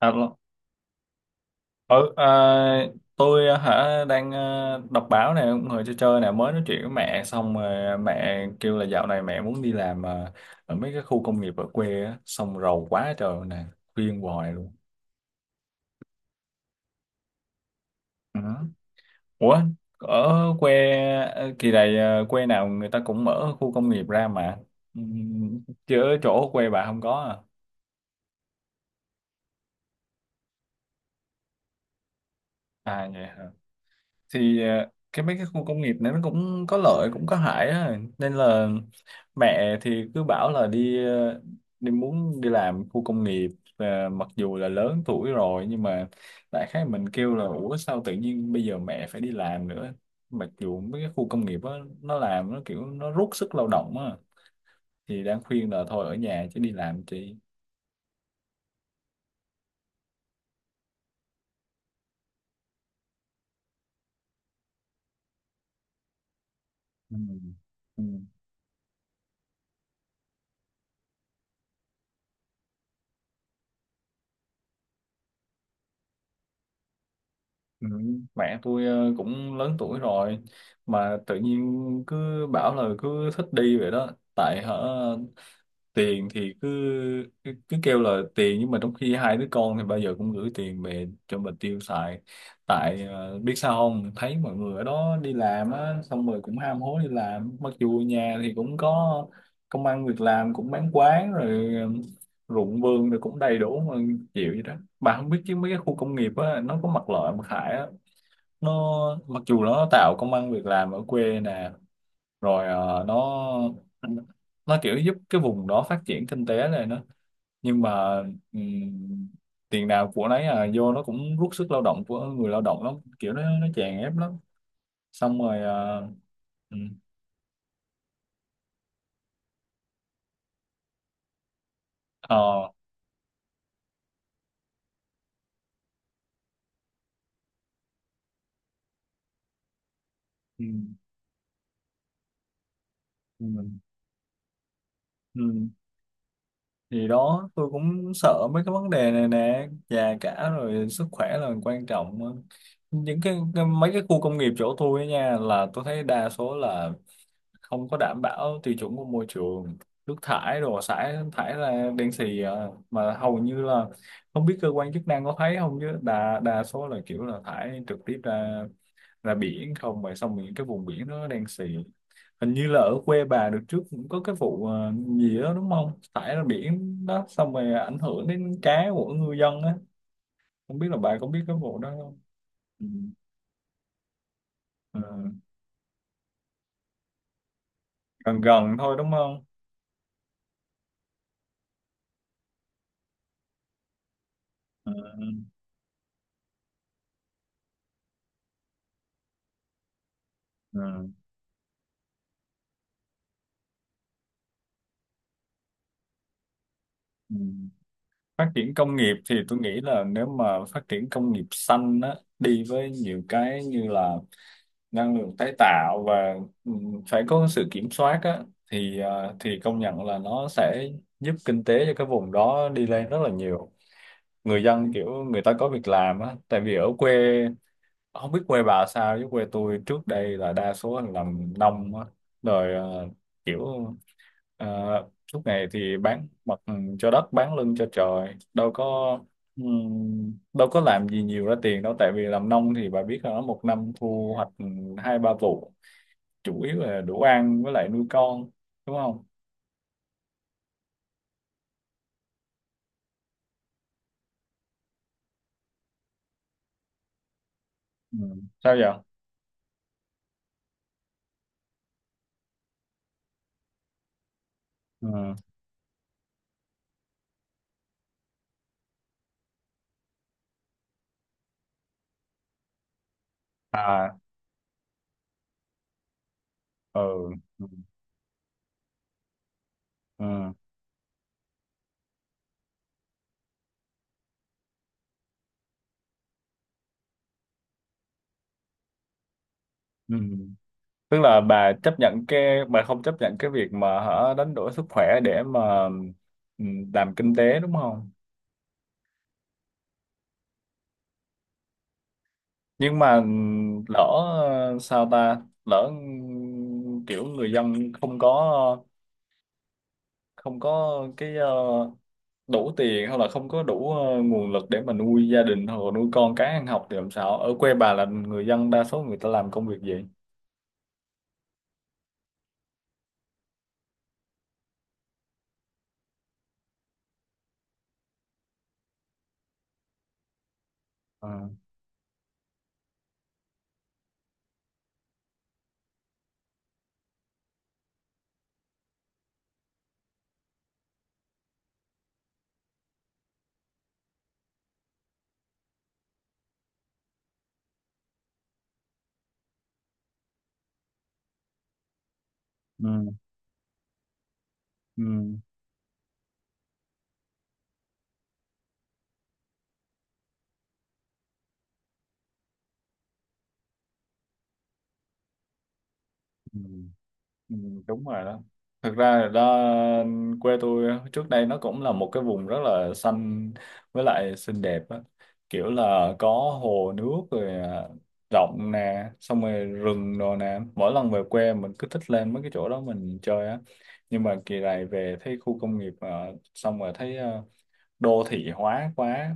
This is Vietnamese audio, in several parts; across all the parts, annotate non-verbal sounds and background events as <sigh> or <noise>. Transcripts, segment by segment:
Alo. Ừ, tôi à, hả đang đọc báo này, cũng ngồi chơi chơi này, mới nói chuyện với mẹ xong rồi mẹ kêu là dạo này mẹ muốn đi làm ở mấy cái khu công nghiệp ở quê á, xong rầu quá trời nè, khuyên hoài luôn. Ừ. Ủa, ở quê kỳ này quê nào người ta cũng mở khu công nghiệp ra mà. ừ, chứ ở chỗ quê bà không có à? À vậy hả. Thì cái mấy cái khu công nghiệp này nó cũng có lợi cũng có hại á, nên là mẹ thì cứ bảo là đi, đi muốn đi làm khu công nghiệp. Mặc dù là lớn tuổi rồi nhưng mà đại khái mình kêu là ủa sao tự nhiên bây giờ mẹ phải đi làm nữa, mặc dù mấy cái khu công nghiệp á nó làm nó kiểu nó rút sức lao động á, thì đang khuyên là thôi ở nhà chứ đi làm chị. Ừ. Ừ. Ừ, mẹ tôi cũng lớn tuổi rồi, mà tự nhiên cứ bảo là cứ thích đi vậy đó. Tại tiền thì cứ cứ, cứ kêu là tiền, nhưng mà trong khi hai đứa con thì bao giờ cũng gửi tiền về cho mình tiêu xài. Tại biết sao, không thấy mọi người ở đó đi làm á xong rồi cũng ham hố đi làm, mặc dù nhà thì cũng có công ăn việc làm, cũng bán quán rồi, ruộng vườn rồi cũng đầy đủ mà, chịu vậy đó. Bà không biết chứ mấy cái khu công nghiệp á nó có mặt lợi mặt hại á, nó mặc dù nó tạo công ăn việc làm ở quê nè, rồi nó kiểu giúp cái vùng đó phát triển kinh tế này nữa, nhưng mà ừm, tiền nào của nấy, à vô nó cũng rút sức lao động của người lao động lắm, kiểu nó chèn ép lắm. Xong rồi. Ờ, ừm, ờ, ừm, ừm, ừm. Thì đó, tôi cũng sợ mấy cái vấn đề này nè, già cả rồi sức khỏe là quan trọng. Những cái mấy cái khu công nghiệp chỗ tôi ấy nha, là tôi thấy đa số là không có đảm bảo tiêu chuẩn của môi trường, nước thải đồ xả thải ra đen xì à. Mà hầu như là không biết cơ quan chức năng có thấy không, chứ đa đa số là kiểu là thải trực tiếp ra ra biển không vậy, xong những cái vùng biển đó đen xì. Hình như là ở quê bà được trước cũng có cái vụ gì đó đúng không, thải ra biển đó, xong rồi ảnh hưởng đến cá của ngư dân á, không biết là bà có biết cái vụ đó không. Ừ. Ờ, gần gần thôi đúng không. Ừ. Ừ. Ừ. Phát triển công nghiệp thì tôi nghĩ là nếu mà phát triển công nghiệp xanh á, đi với nhiều cái như là năng lượng tái tạo và phải có sự kiểm soát á, thì thì công nhận là nó sẽ giúp kinh tế cho cái vùng đó đi lên rất là nhiều. Người dân kiểu người ta có việc làm á, tại vì ở quê, không biết quê bà sao chứ quê tôi trước đây là đa số là làm nông á, rồi kiểu ờ, suốt ngày thì bán mặt cho đất bán lưng cho trời, đâu có làm gì nhiều ra tiền đâu, tại vì làm nông thì bà biết là nó một năm thu hoạch hai ba vụ, chủ yếu là đủ ăn với lại nuôi con, đúng không. Ừ. Sao vậy? Ừ. À. Ừ. Ừ. Ừ. Ừ. Tức là bà chấp nhận cái, bà không chấp nhận cái việc mà đánh đổi sức khỏe để mà làm kinh tế đúng không. Nhưng mà lỡ sao ta, lỡ kiểu người dân không có, không có cái đủ tiền, hoặc là không có đủ nguồn lực để mà nuôi gia đình hoặc là nuôi con cái ăn học, thì làm sao, ở quê bà là người dân đa số người ta làm công việc gì? À. Ừ. Ừ, ừ. Ừ, đúng rồi đó. Thực ra là đó, quê tôi trước đây nó cũng là một cái vùng rất là xanh với lại xinh đẹp á. Kiểu là có hồ nước rồi, rộng nè, xong rồi rừng đồ nè, mỗi lần về quê mình cứ thích lên mấy cái chỗ đó mình chơi á. Nhưng mà kỳ này về thấy khu công nghiệp xong rồi thấy đô thị hóa quá,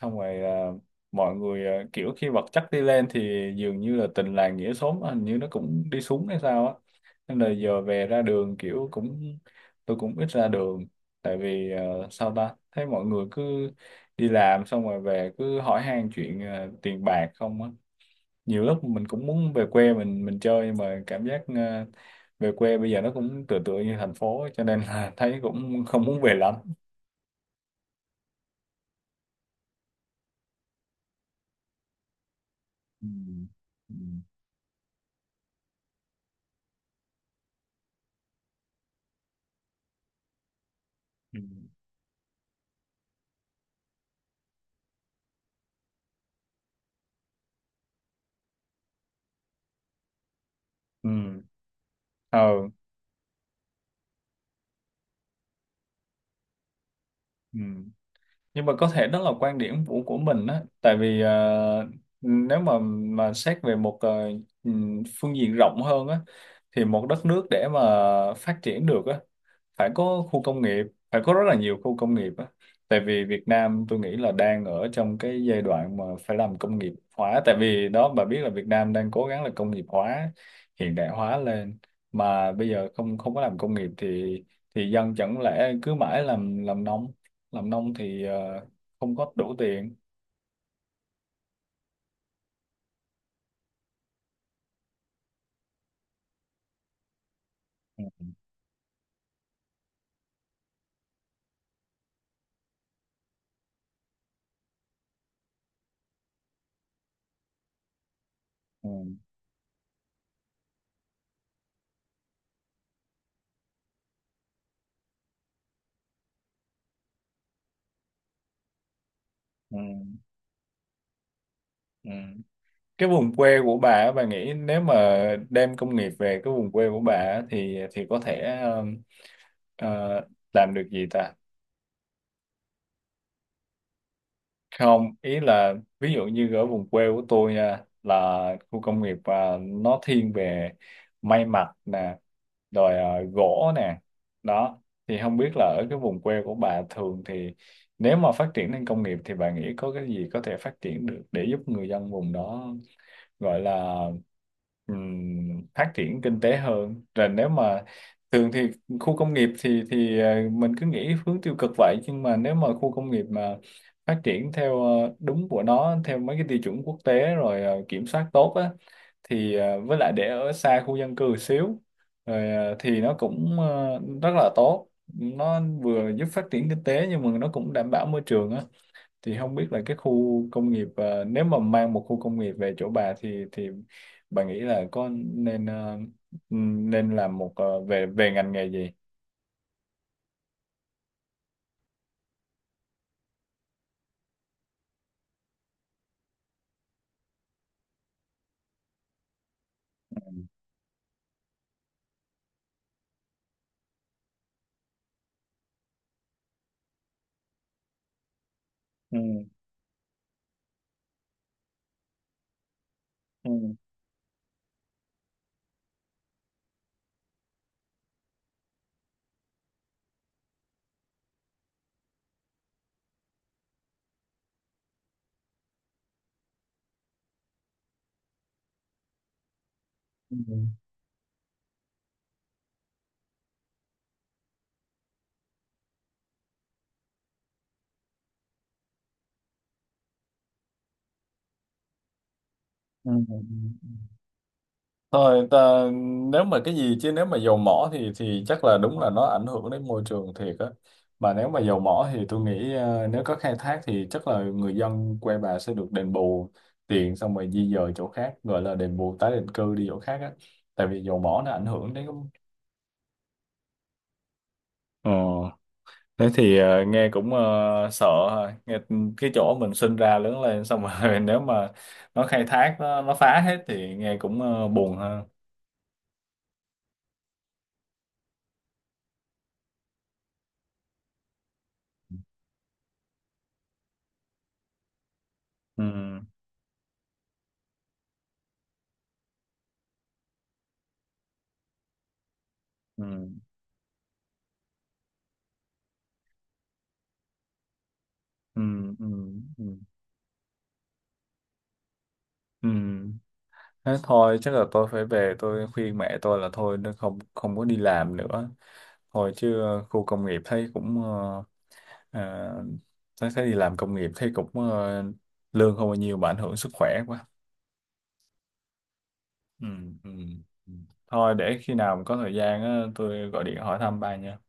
xong rồi mọi người kiểu khi vật chất đi lên thì dường như là tình làng nghĩa xóm hình như nó cũng đi xuống hay sao á. Nên là giờ về ra đường kiểu cũng, tôi cũng ít ra đường, tại vì sao ta thấy mọi người cứ đi làm xong rồi về cứ hỏi han chuyện tiền bạc không á. Nhiều lúc mình cũng muốn về quê mình chơi, nhưng mà cảm giác về quê bây giờ nó cũng tựa tựa như thành phố ấy, cho nên là <laughs> thấy cũng không muốn về lắm. Ừ. Ừ. Ừ. Ừ. Ừ. Nhưng mà có thể đó là quan điểm của mình á, tại vì nếu mà xét về một ừ, phương diện rộng hơn á, thì một đất nước để mà phát triển được á phải có khu công nghiệp, phải có rất là nhiều khu công nghiệp á. Tại vì Việt Nam tôi nghĩ là đang ở trong cái giai đoạn mà phải làm công nghiệp hóa, tại vì đó bà biết là Việt Nam đang cố gắng là công nghiệp hóa hiện đại hóa lên, mà bây giờ không không có làm công nghiệp thì dân chẳng lẽ cứ mãi làm nông, làm nông thì không có đủ tiền. Ừ. Ừ. Ừ. Cái vùng quê của bà á, bà nghĩ nếu mà đem công nghiệp về cái vùng quê của bà á, thì có thể Ờ, làm được gì ta? Không, ý là ví dụ như ở vùng quê của tôi nha, là khu công nghiệp nó thiên về may mặc nè, rồi gỗ nè. Đó, thì không biết là ở cái vùng quê của bà thường thì nếu mà phát triển lên công nghiệp thì bà nghĩ có cái gì có thể phát triển được để giúp người dân vùng đó gọi là phát triển kinh tế hơn. Rồi nếu mà thường thì khu công nghiệp thì mình cứ nghĩ hướng tiêu cực vậy, nhưng mà nếu mà khu công nghiệp mà phát triển theo đúng của nó, theo mấy cái tiêu chuẩn quốc tế rồi kiểm soát tốt á, thì với lại để ở xa khu dân cư xíu, rồi thì nó cũng rất là tốt. Nó vừa giúp phát triển kinh tế nhưng mà nó cũng đảm bảo môi trường á. Thì không biết là cái khu công nghiệp, nếu mà mang một khu công nghiệp về chỗ bà thì bà nghĩ là có nên, nên làm một về về ngành nghề gì? Ừ, ừ, ừ, ừ. Thôi ta, nếu mà cái gì chứ nếu mà dầu mỏ thì chắc là đúng là nó ảnh hưởng đến môi trường thiệt á. Mà nếu mà dầu mỏ thì tôi nghĩ nếu có khai thác thì chắc là người dân quê bà sẽ được đền bù tiền, xong rồi di dời chỗ khác, gọi là đền bù tái định cư đi chỗ khác á. Tại vì dầu mỏ nó ảnh hưởng đến. Ờ, thế thì nghe cũng sợ ha. Nghe cái chỗ mình sinh ra lớn lên xong rồi <laughs> nếu mà nó, khai thác, nó phá hết thì nghe cũng buồn ha. Ừ. Ừ. Ừ, ừ, ừ, ừ. Thế thôi chắc là tôi phải về tôi khuyên mẹ tôi là thôi, nó không không có đi làm nữa, thôi chứ khu công nghiệp thấy cũng, ờ, thấy thấy đi làm công nghiệp thấy cũng lương không bao nhiêu mà ảnh hưởng sức khỏe quá. Ừ, ừ. Ừ. Thôi để khi nào mà có thời gian á, tôi gọi điện hỏi thăm ba nha.